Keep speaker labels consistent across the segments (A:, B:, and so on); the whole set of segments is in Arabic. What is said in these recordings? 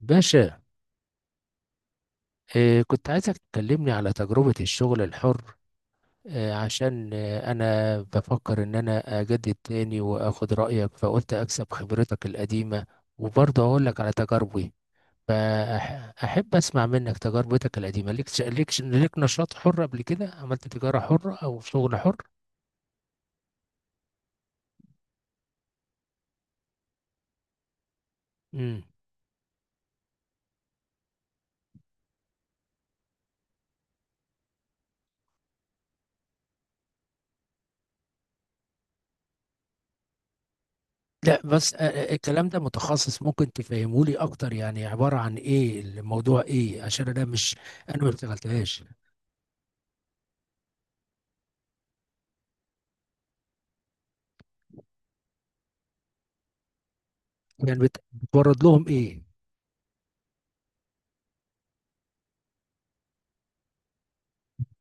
A: باشا. كنت عايزك تكلمني على تجربة الشغل الحر. عشان أنا بفكر إن أنا أجدد تاني وأخد رأيك، فقلت أكسب خبرتك القديمة، وبرضه أقول لك على تجاربي، فأحب أسمع منك تجربتك القديمة. ليك نشاط حر قبل كده؟ عملت تجارة حرة أو شغل حر؟ مم. لا بس، الكلام ده متخصص، ممكن تفهمولي أكتر؟ يعني عبارة عن إيه الموضوع؟ إيه؟ عشان أنا مش، أنا ما اشتغلتهاش. يعني بتورد لهم ايه؟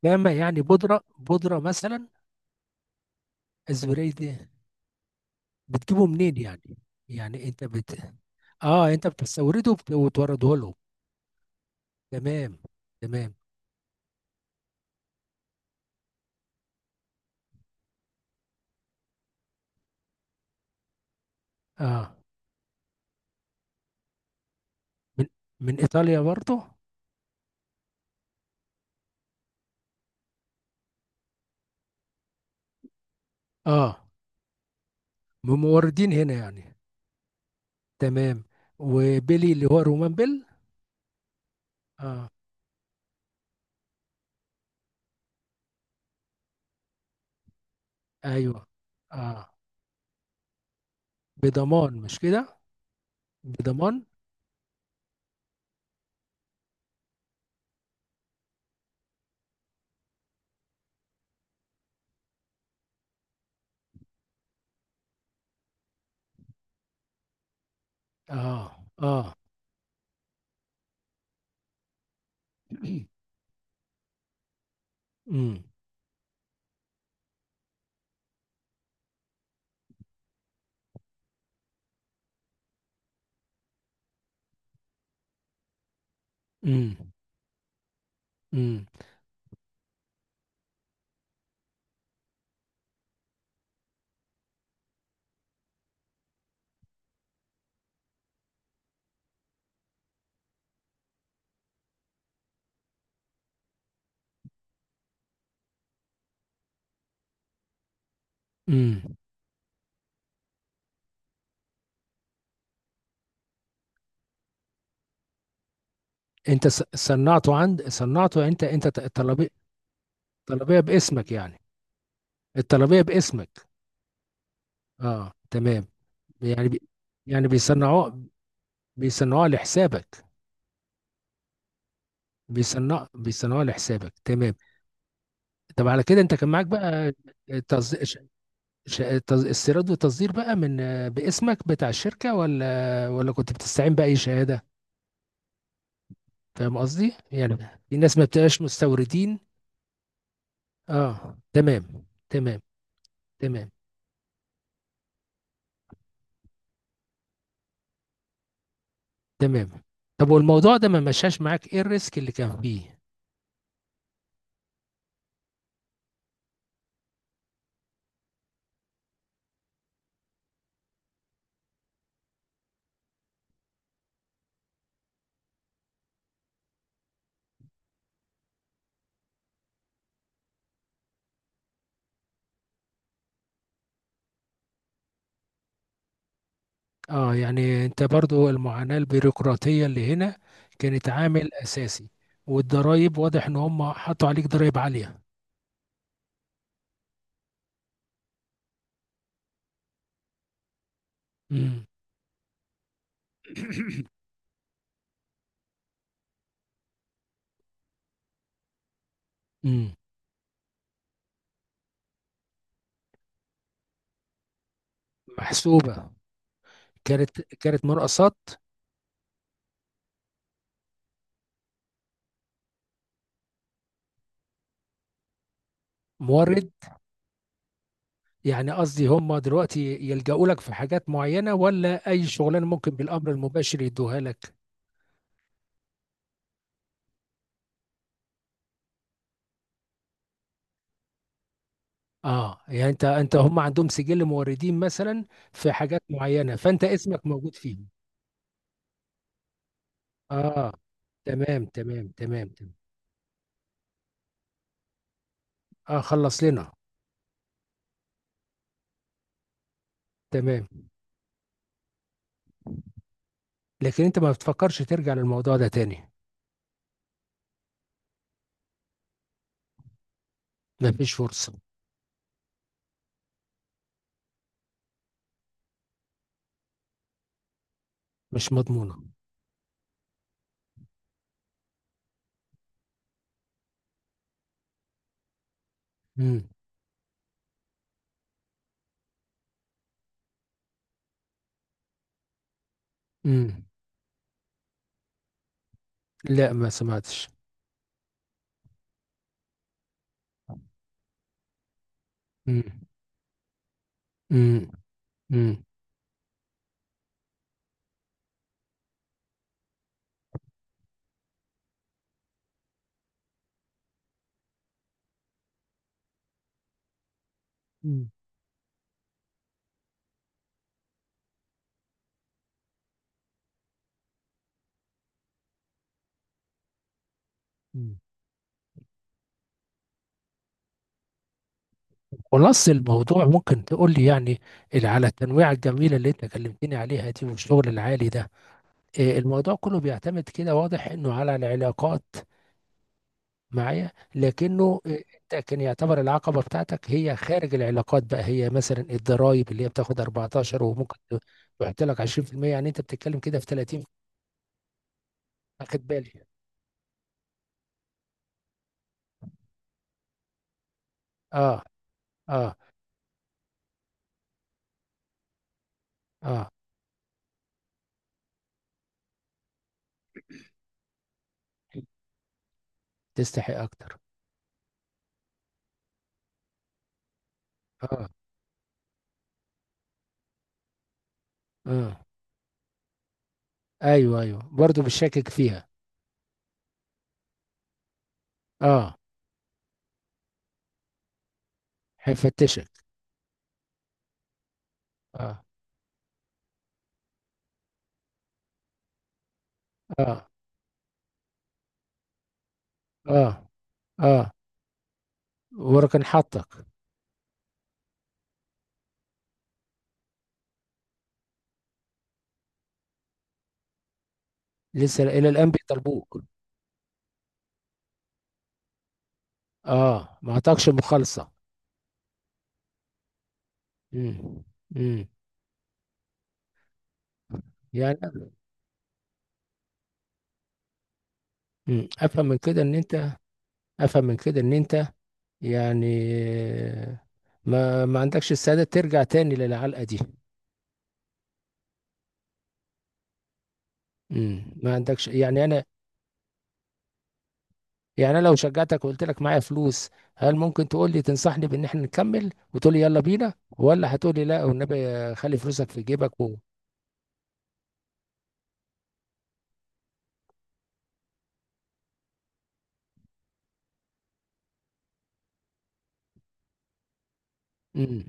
A: فاهمة، يعني بودرة بودرة مثلا؟ الزبرية دي بتجيبه منين يعني؟ يعني انت بت اه انت بتستورده، وتورده لهم. تمام. تمام. اه، من من ايطاليا برضو؟ اه، من موردين هنا يعني. تمام. وبيلي اللي هو رومان بيل؟ اه. ايوه. اه. بضمان مش كده؟ بضمان. اه. اه. امم. امم. امم. امم. انت صنعته؟ انت الطلبيه؟ الطلبيه باسمك يعني؟ الطلبيه باسمك؟ اه، تمام. يعني بي يعني بيصنعوها لحسابك؟ بيصنعوها لحسابك، تمام. طب على كده انت كان معاك بقى تصديق ش... استيراد وتصدير بقى من باسمك بتاع الشركه، ولا كنت بتستعين باي شهاده؟ فاهم قصدي يعني؟ في ناس ما بتبقاش مستوردين. اه، تمام، تمام، تمام، تمام. طب والموضوع ده ما مشاش معاك، ايه الريسك اللي كان فيه؟ اه، يعني انت برضو المعاناة البيروقراطية اللي هنا كانت عامل اساسي. والضرايب، واضح ان هم حطوا عليك ضرايب عالية. امم. امم. محسوبة. كانت مرقصات. مورد. يعني قصدي، هم دلوقتي يلجأوا لك في حاجات معينة، ولا أي شغلانة ممكن بالأمر المباشر يدوها لك؟ اه، يعني انت هم عندهم سجل موردين مثلا في حاجات معينة، فأنت اسمك موجود فيه؟ اه، تمام، تمام، تمام، تمام. اه، خلص لنا. تمام. لكن انت ما بتفكرش ترجع للموضوع ده تاني؟ ما فيش فرصة؟ مش مضمونة. امم. امم. لا، ما سمعتش. امم. امم. امم. أمم. أمم. خلاص، الموضوع ممكن تقول لي يعني، على التنويعة الجميلة اللي انت كلمتني عليها دي، والشغل العالي ده، إيه، الموضوع كله بيعتمد، كده واضح انه على العلاقات معايا. لكنه انت كان يعتبر العقبه بتاعتك هي خارج العلاقات بقى، هي مثلا الضرايب، اللي هي بتاخد 14 وممكن تحط لك 20%، يعني انت بتتكلم كده في 30. اخد بالي. اه. اه. اه. تستحق اكتر. اه. اه. ايوه، ايوه، برضه بشكك فيها. اه. هيفتشك. اه. اه. اه. اه. وركن حطك. لسه الى الان بيطلبوك؟ اه، ما اعطاكش مخالصه؟ امم. امم. يعني، مم. افهم من كده ان انت، افهم من كده ان انت يعني ما عندكش السعادة ترجع تاني للعلقة دي؟ مم. ما عندكش يعني؟ انا، يعني انا لو شجعتك وقلت لك معايا فلوس، هل ممكن تقول لي تنصحني بان احنا نكمل، وتقول لي يلا بينا، ولا هتقول لي لا والنبي خلي فلوسك في جيبك و... مم.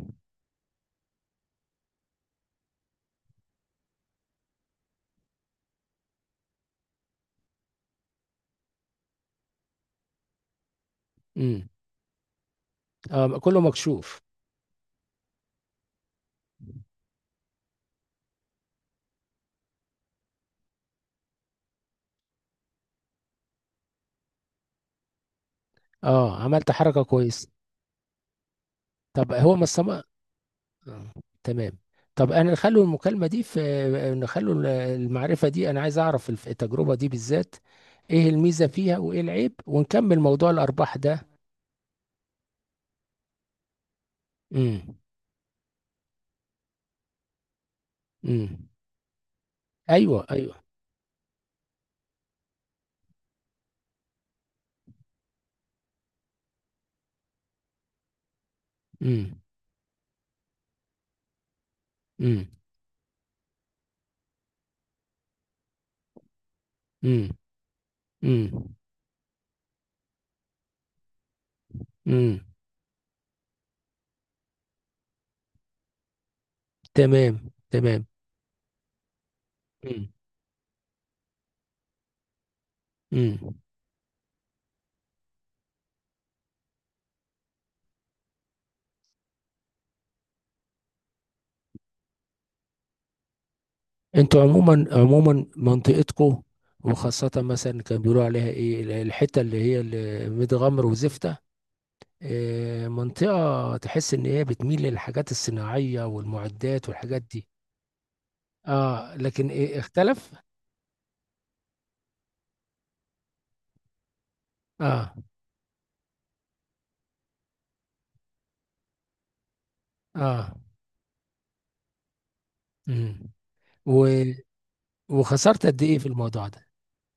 A: مم. آه، كله مكشوف. اه، عملت حركة كويس. طب هو ما الصم... آه. تمام. طب انا نخلو المكالمه دي المعرفه دي، انا عايز اعرف التجربه دي بالذات، ايه الميزه فيها وايه العيب، ونكمل موضوع الارباح ده. امم. امم. ايوه، ايوه. امم. امم. امم. امم. امم. تمام. تمام. امم. امم. انتوا عموما، عموما منطقتكم، وخاصه مثلا كان بيقولوا عليها ايه الحته اللي ميت غمر وزفته، منطقة تحس إن هي بتميل للحاجات الصناعية والمعدات والحاجات دي. اه، لكن إيه اختلف؟ اه. اه. امم. و... وخسرت قد إيه في الموضوع ده؟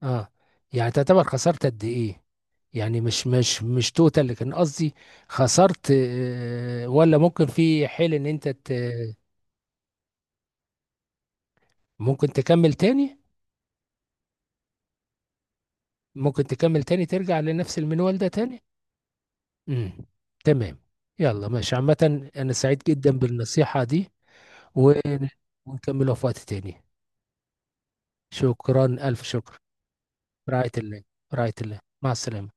A: اه، يعني تعتبر خسرت قد إيه؟ يعني مش توتال، لكن قصدي، خسرت، ولا ممكن في حيل إن أنت ت... ممكن تكمل تاني؟ ترجع لنفس المنوال ده تاني؟ امم. تمام. يلا ماشي، عامة أنا سعيد جدا بالنصيحة دي. ون- ونكملها في وقت تاني. شكرا، ألف شكر. رعاية الله. رعاية الله، مع السلامة.